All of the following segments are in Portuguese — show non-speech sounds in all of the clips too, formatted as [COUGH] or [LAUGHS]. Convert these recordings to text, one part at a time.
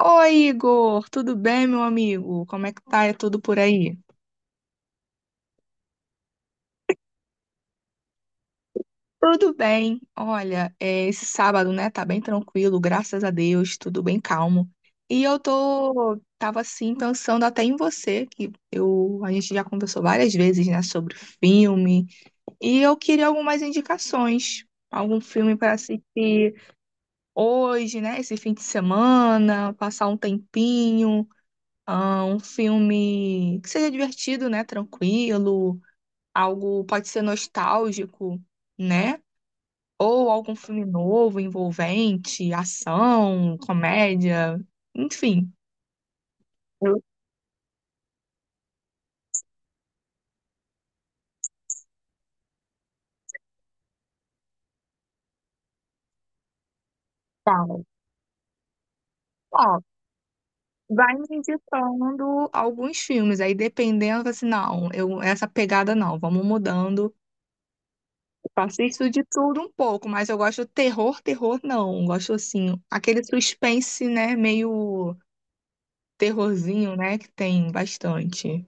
Oi, Igor, tudo bem, meu amigo? Como é que tá? É tudo por aí? Tudo bem. Olha, esse sábado, né, tá bem tranquilo, graças a Deus, tudo bem calmo. E tava assim, pensando até em você, a gente já conversou várias vezes, né, sobre filme, e eu queria algumas indicações, algum filme para assistir hoje, né, esse fim de semana, passar um tempinho, um filme que seja divertido, né, tranquilo. Algo pode ser nostálgico, né? Ou algum filme novo, envolvente, ação, comédia, enfim. Eu falo, ó, vai me indicando alguns filmes, aí dependendo, assim, não, eu, essa pegada não, vamos mudando. Eu assisto de tudo um pouco, mas eu gosto terror, terror não, eu gosto assim, aquele suspense, né, meio terrorzinho, né, que tem bastante.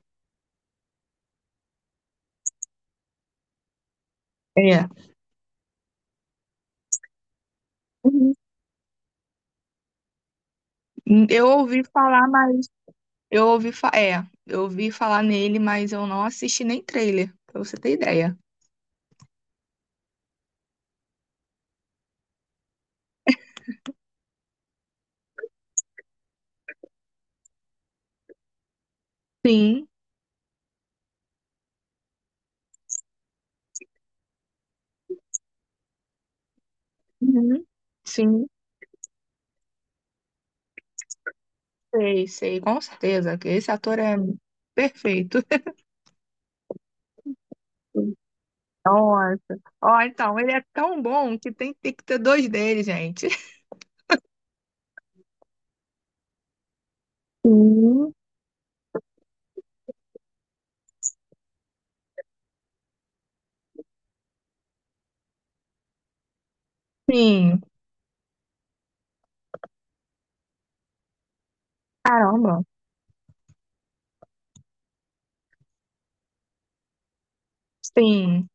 É. Uhum. Eu ouvi falar, mas eu ouvi falar nele, mas eu não assisti nem trailer, pra você ter ideia. Sim, uhum, sim, sei, sei, com certeza, que esse ator é perfeito. [LAUGHS] Nossa. Ó, então, ele é tão bom que tem que ter dois dele, gente. Sim, sim. Caramba. Sim,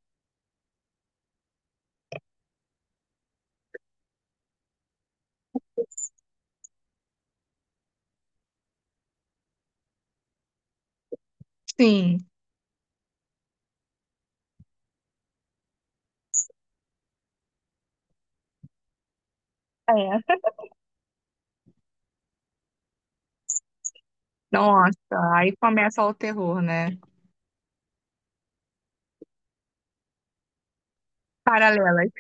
sim. É. Nossa, aí começa o terror, né? Paralelas.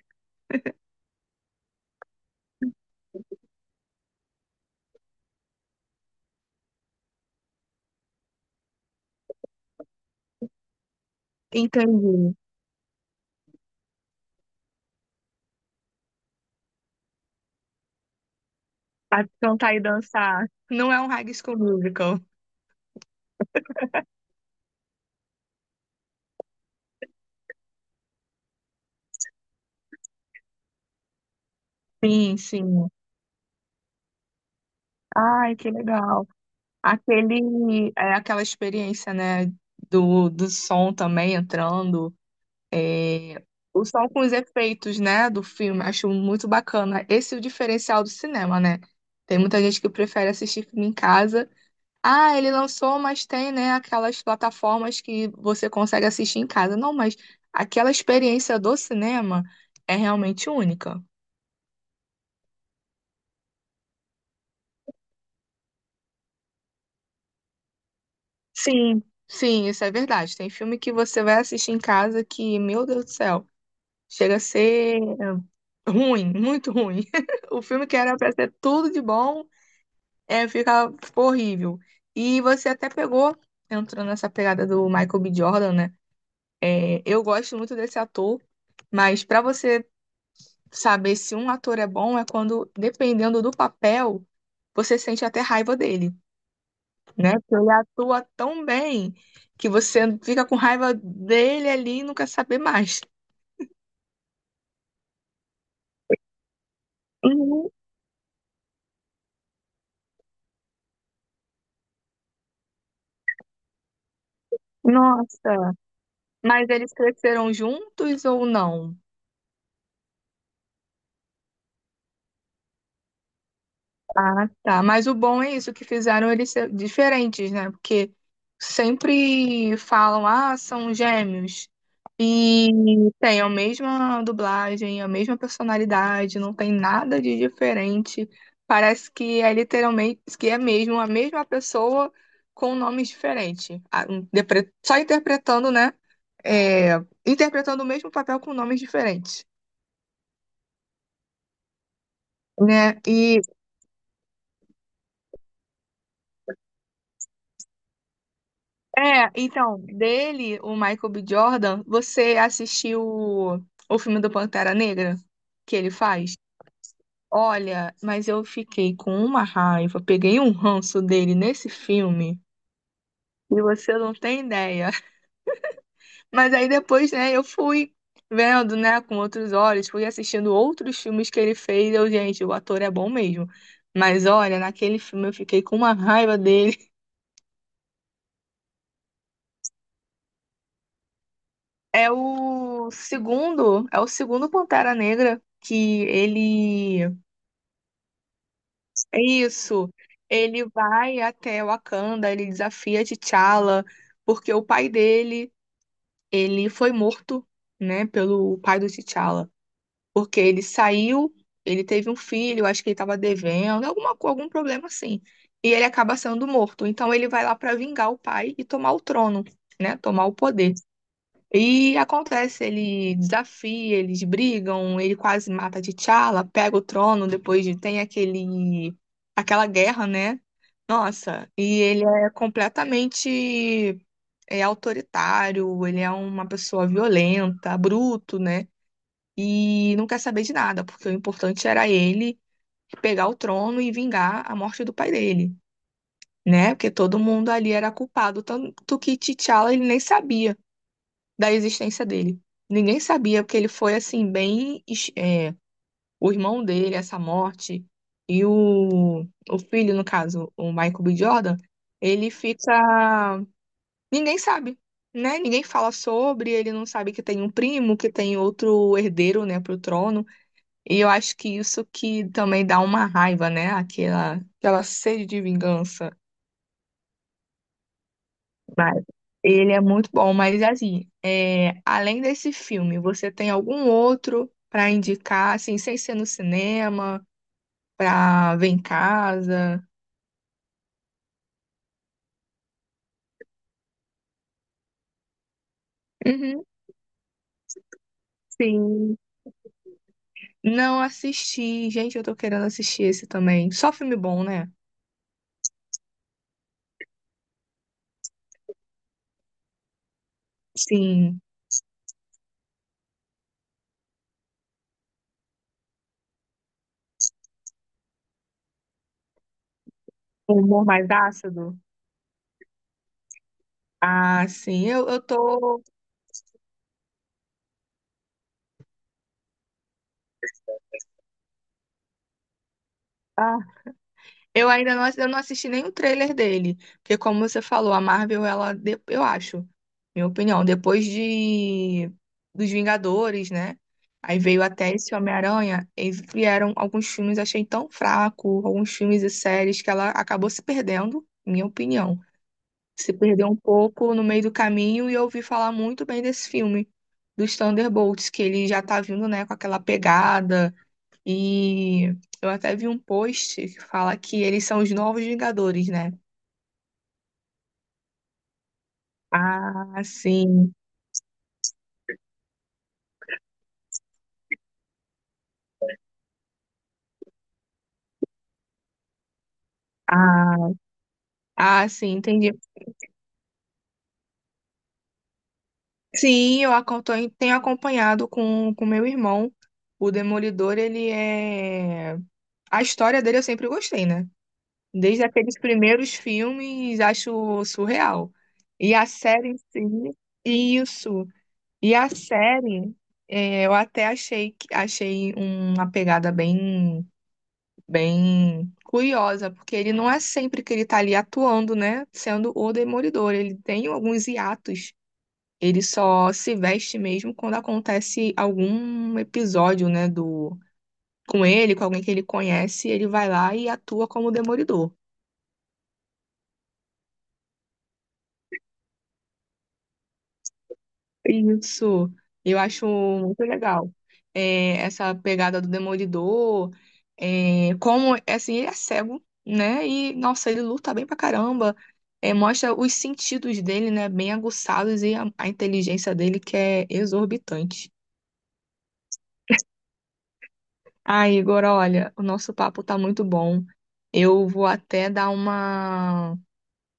Entendi. A cantar e dançar. Não é um High School Musical. Sim, sim. Ai, que legal. Aquela experiência, né, do som também entrando, é, o som com os efeitos, né, do filme, acho muito bacana. Esse é o diferencial do cinema, né? Tem muita gente que prefere assistir filme em casa. Ah, ele lançou, mas tem, né, aquelas plataformas que você consegue assistir em casa. Não, mas aquela experiência do cinema é realmente única. Sim, sim, isso é verdade. Tem filme que você vai assistir em casa que, meu Deus do céu, chega a ser ruim, muito ruim. [LAUGHS] O filme que era pra ser tudo de bom, fica horrível. E você até pegou, entrando nessa pegada do Michael B. Jordan, né? Eu gosto muito desse ator, mas pra você saber se um ator é bom é quando, dependendo do papel, você sente até raiva dele. Né? Porque ele atua tão bem que você fica com raiva dele ali e não quer saber mais. Uhum. Nossa, mas eles cresceram juntos ou não? Ah, tá. Mas o bom é isso, que fizeram eles ser diferentes, né? Porque sempre falam, são gêmeos. E tem a mesma dublagem, a mesma personalidade, não tem nada de diferente. Parece que é literalmente, que é mesmo a mesma pessoa com nomes diferentes. Só interpretando, né? É, interpretando o mesmo papel com nomes diferentes, né? Então, dele, o Michael B. Jordan, você assistiu o, filme do Pantera Negra que ele faz? Olha, mas eu fiquei com uma raiva, peguei um ranço dele nesse filme e você não tem ideia. [LAUGHS] Mas aí depois, né, eu fui vendo, né, com outros olhos, fui assistindo outros filmes que ele fez. Eu, gente, o ator é bom mesmo. Mas olha, naquele filme eu fiquei com uma raiva dele. É o segundo Pantera Negra que ele. É isso. Ele vai até Wakanda, ele desafia T'Challa, porque o pai dele, ele foi morto, né, pelo pai do T'Challa. Porque ele saiu, ele teve um filho, acho que ele estava devendo, algum problema assim. E ele acaba sendo morto. Então ele vai lá para vingar o pai e tomar o trono, né, tomar o poder. E acontece, ele desafia, eles brigam, ele quase mata T'Challa, pega o trono, tem aquele aquela guerra, né? Nossa, e ele é completamente autoritário, ele é uma pessoa violenta, bruto, né? E não quer saber de nada, porque o importante era ele pegar o trono e vingar a morte do pai dele, né? Porque todo mundo ali era culpado, tanto que T'Challa ele nem sabia da existência dele. Ninguém sabia, porque ele foi assim, bem. O irmão dele, essa morte, e o filho, no caso, o Michael B. Jordan, ele fica. Ninguém sabe, né? Ninguém fala sobre, ele não sabe que tem um primo, que tem outro herdeiro, né, pro trono. E eu acho que isso que também dá uma raiva, né? Aquela sede de vingança. Mas ele é muito bom, mas é assim, além desse filme, você tem algum outro pra indicar, assim, sem ser no cinema, pra ver em casa? Uhum, sim. Não assisti. Gente, eu tô querendo assistir esse também. Só filme bom, né? Sim. Um humor mais ácido? Ah, sim. Eu tô. ah, eu não assisti nenhum trailer dele, porque como você falou, a Marvel, ela, eu acho, minha opinião, depois de dos Vingadores, né? Aí veio até esse Homem-Aranha, e vieram alguns filmes, achei tão fraco, alguns filmes e séries que ela acabou se perdendo, minha opinião. Se perdeu um pouco no meio do caminho e eu ouvi falar muito bem desse filme, dos Thunderbolts, que ele já tá vindo, né, com aquela pegada. E eu até vi um post que fala que eles são os novos Vingadores, né? Ah, sim. Ah, ah, sim, entendi. Sim, tenho acompanhado com meu irmão. O Demolidor, ele é. A história dele eu sempre gostei, né? Desde aqueles primeiros filmes, acho surreal. E a série em si, isso. E a série, eu até achei, achei uma pegada bem curiosa, porque ele não é sempre que ele tá ali atuando, né? Sendo o Demolidor. Ele tem alguns hiatos. Ele só se veste mesmo quando acontece algum episódio, né? Do... Com ele, com alguém que ele conhece, ele vai lá e atua como Demolidor. Isso, eu acho muito legal. É, essa pegada do Demolidor, como, assim, ele é cego, né? E, nossa, ele luta bem pra caramba. É, mostra os sentidos dele, né? Bem aguçados e a, inteligência dele que é exorbitante. Ah, Igor, olha, o nosso papo tá muito bom. Eu vou até dar uma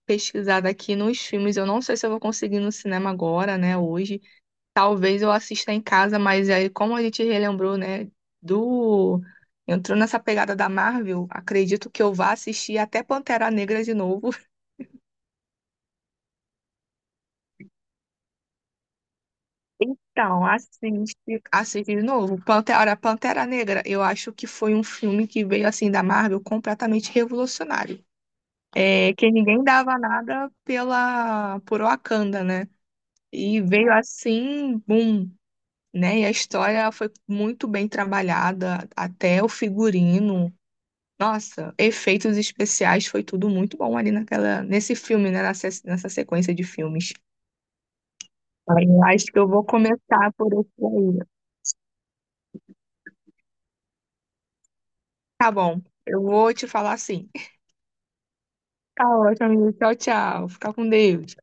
pesquisada aqui nos filmes. Eu não sei se eu vou conseguir no cinema agora, né, hoje. Talvez eu assista em casa, mas aí, como a gente relembrou, né, do... Entrou nessa pegada da Marvel, acredito que eu vá assistir até Pantera Negra de novo. Então, assiste, assiste de novo. Pantera, Pantera Negra, eu acho que foi um filme que veio, assim, da Marvel completamente revolucionário. É, que ninguém dava nada pela, por Wakanda, né? E veio assim, boom, né? E a história foi muito bem trabalhada, até o figurino. Nossa, efeitos especiais foi tudo muito bom ali naquela, nesse filme, né? Nessa sequência de filmes. Aí eu acho que eu vou começar por esse aí. Tá bom, eu vou te falar assim. Tá ótimo, amigo. Tchau, tchau. Fica com Deus.